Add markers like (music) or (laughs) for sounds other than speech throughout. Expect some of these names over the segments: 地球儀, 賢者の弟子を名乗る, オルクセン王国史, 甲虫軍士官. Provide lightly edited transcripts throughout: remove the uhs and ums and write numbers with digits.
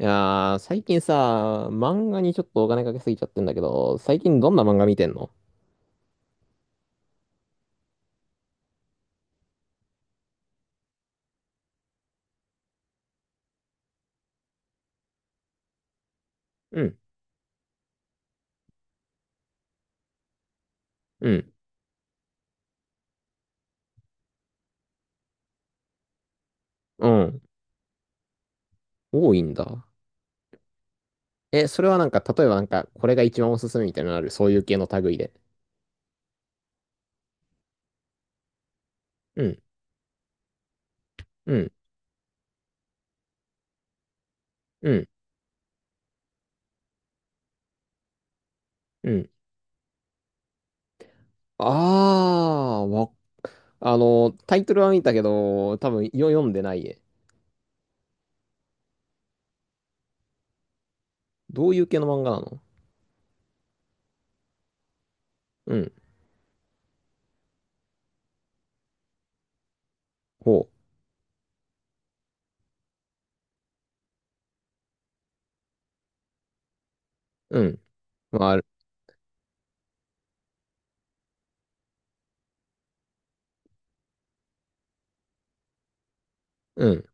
いやー、最近さ、漫画にちょっとお金かけすぎちゃってんだけど、最近どんな漫画見てんの？うん、うん、うん。多いんだ。え、それはなんか、例えばなんか、これが一番おすすめみたいなのある？そういう系の類で。うん、うん、うん、うん。あー、あの、タイトルは見たけど、多分読んでない。どういう系の漫画なの？うん、ほう、うん、まあ、うん。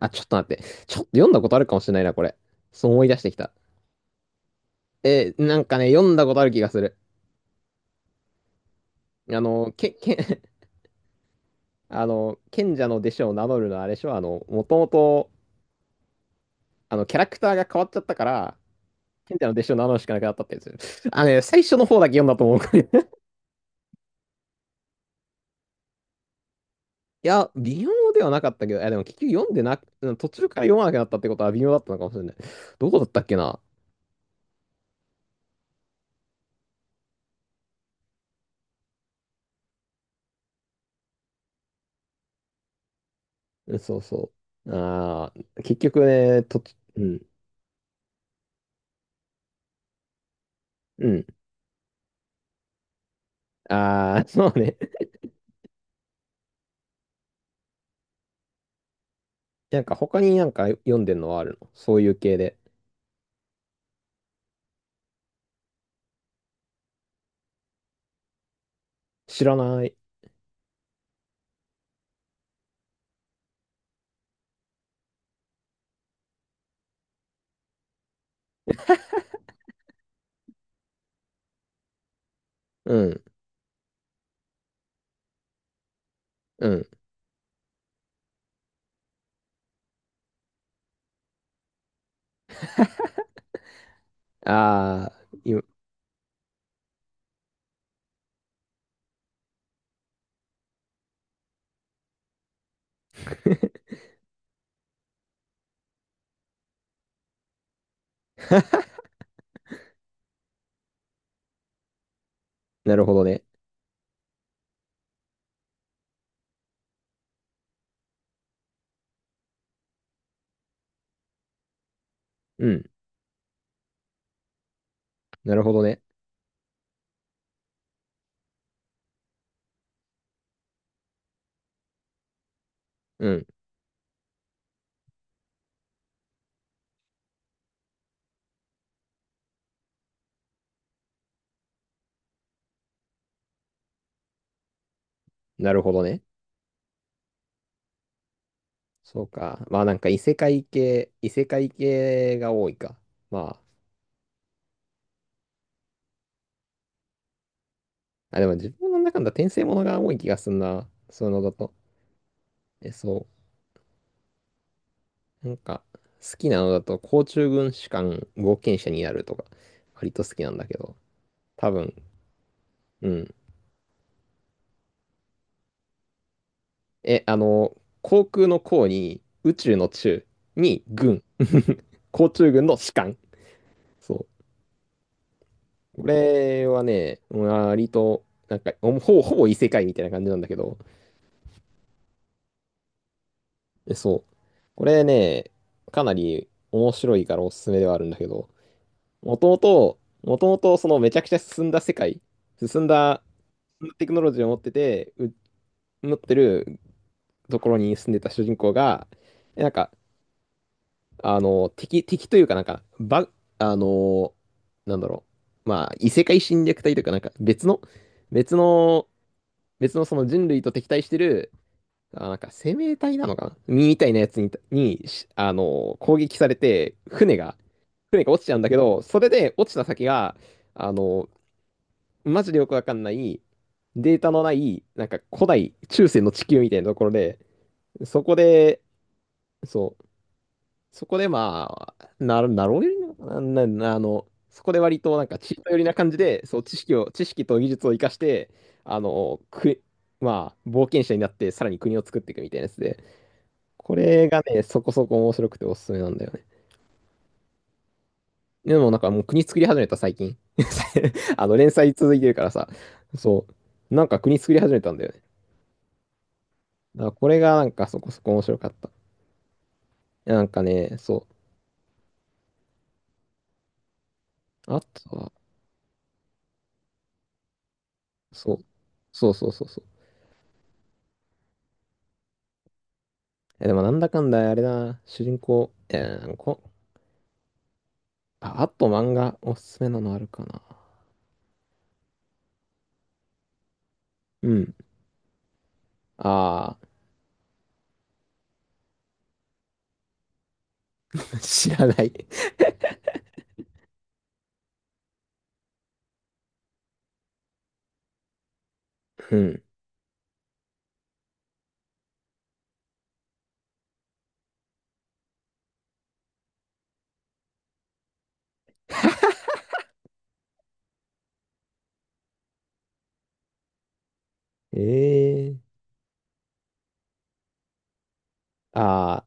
あ、ちょっと待って。ちょっと読んだことあるかもしれないな、これ。そう思い出してきた。え、なんかね、読んだことある気がする。あの、(laughs) あの、賢者の弟子を名乗るのはあれでしょ？あの、もともと、あの、キャラクターが変わっちゃったから、賢者の弟子を名乗るしかなくなったってやつ。(laughs) あのね、最初の方だけ読んだと思う。(laughs) いや、微妙ではなかったけど、いや、でも結局読んでなく、うん、途中から読まなくなったってことは微妙だったのかもしれない。どこだったっけな？うん、そうそう。ああ、結局ね、うん、うん。ああ、(laughs) そうね。なんか他になんか読んでんのはあるの？そういう系で。知らない。うん、うん。ああ、今なるほどね。うん。なるほどね。うん。なるほどね。そうか。まあなんか異世界系、異世界系が多いか。まあ、あ、でも自分の中の転生ものが多い気がすんな。そういうのだと。え、そう。なんか、好きなのだと、甲虫軍士官冒険者になるとか、割と好きなんだけど。多分、うん。え、あの、航空の航に、宇宙の宙に軍。(laughs) 甲虫軍の士官。そう。これはね、割と、なんか、ほぼ異世界みたいな感じなんだけど、えそう。これね、かなり面白いからおすすめではあるんだけど、もともと、もともとそのめちゃくちゃ進んだ世界、進んだテクノロジーを持ってて、持ってるところに住んでた主人公が、えなんか、あの、敵というかなんか、あの、なんだろう、まあ、異世界侵略隊というかなんか、別の、別のその人類と敵対してる、あ、なんか生命体なのかなみたいなやつに、あの、攻撃されて、船が落ちちゃうんだけど、それで落ちた先が、あの、マジでよくわかんない、データのない、なんか古代、中世の地球みたいなところで、そこで、そう、そこでまあ、なろうよりなのかな、あの、そこで割となんか知った寄りな感じで、そう、知識と技術を生かして、あの、まあ、冒険者になって、さらに国を作っていくみたいなやつで、これがね、そこそこ面白くておすすめなんだよね。でもなんかもう国作り始めた最近。(laughs) あの連載続いてるからさ、そう。なんか国作り始めたんだよね。だからこれがなんかそこそこ面白かった。いやなんかね、そう。あとは、そう。そうそうそうそう。え、でもなんだかんだあれだな、主人公、あ、あと漫画おすすめなのあるかな。うん。ああ、(laughs) 知らない。うん。ええー。ああ、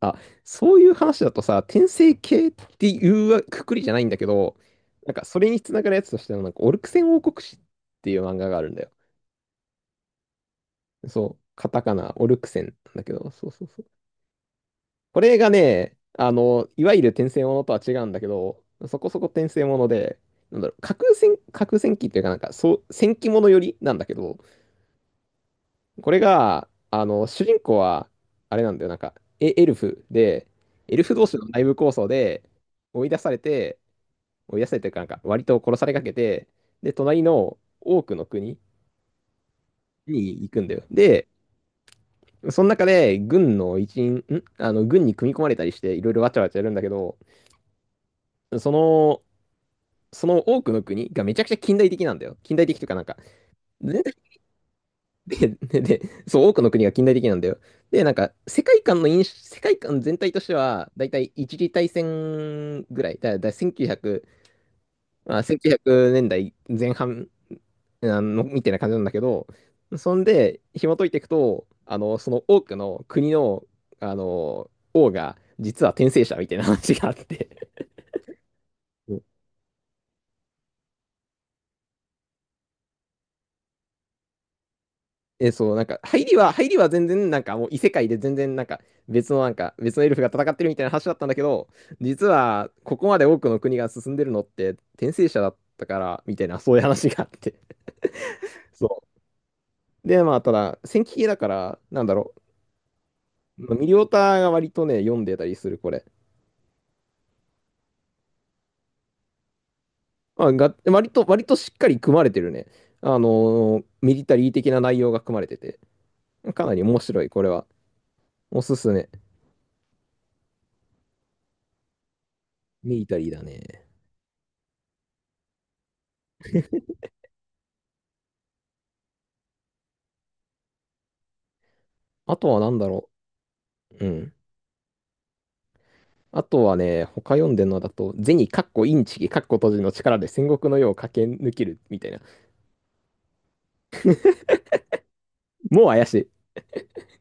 あ、そういう話だとさ、転生系っていうわくくりじゃないんだけど、なんかそれにつながるやつとしては、なんかオルクセン王国史っていう漫画があるんだよ。そう、カタカナ、オルクセンなんだけど、そうそうそう。これがね、あの、いわゆる転生ものとは違うんだけど、そこそこ転生もので、なんだろう、架空戦記っていうか、なんか、そう、戦記ものよりなんだけど、これが、あの、主人公は、あれなんだよ、なんか、エルフで、エルフ同士の内部抗争で追い出されて、追い出されてるからなんか割と殺されかけて、で、隣の多くの国に行くんだよ。で、その中で軍の一員、あの軍に組み込まれたりしていろいろわちゃわちゃやるんだけど、その、その多くの国がめちゃくちゃ近代的なんだよ。近代的というかなんか、全で、で、で、そう、多くの国が近代的なんだよ。で、なんか、世界観全体としては、だいたい一次大戦ぐらい、1900、まあ、1900年代前半、あの、みたいな感じなんだけど、そんで、紐解いていくと、あの、その多くの国の、あの、王が、実は転生者みたいな話があって、うん。 (laughs) え、そう、なんか、入りは全然、なんかもう異世界で全然、なんか、別のなんか、別のエルフが戦ってるみたいな話だったんだけど、実は、ここまで多くの国が進んでるのって、転生者だったから、みたいな、そういう話があって。(laughs) そう。で、まあ、ただ、戦記系だから、なんだろう、ミリオタが割とね、読んでたりする、これ。まあ、割としっかり組まれてるね。ミリタリー的な内容が組まれてて、かなり面白い、これは。おすすめ。ミリタリーだね。あとは何だろう。うん。あとはね、他読んでるのだと、銭かっこインチキかっこ閉じの力で戦国の世を駆け抜けるみたいな。もう怪しい。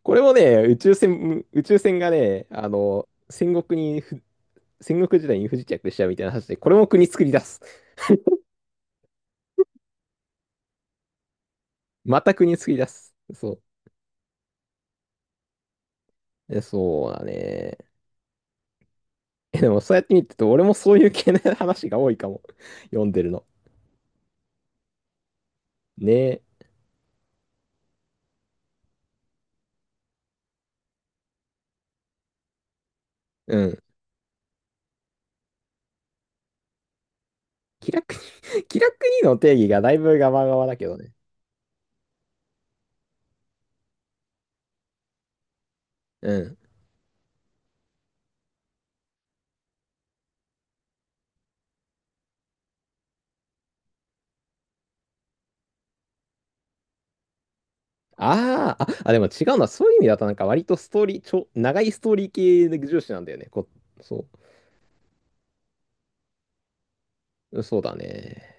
これもね、宇宙船がね、あの、戦国時代に不時着しちゃうみたいな話で、これも国作り出す。また国作り出す。そう。えそうだね。え、でもそうやって見てると、俺もそういう系の話が多いかも。読んでるの。ねえ。うん。気楽に (laughs) 気楽にの定義がだいぶガバガバだけどね。うん。あーあ、あ、でも違うな。そういう意味だとなんか割とストーリー、長いストーリー系の重視なんだよね。そう。そうだね。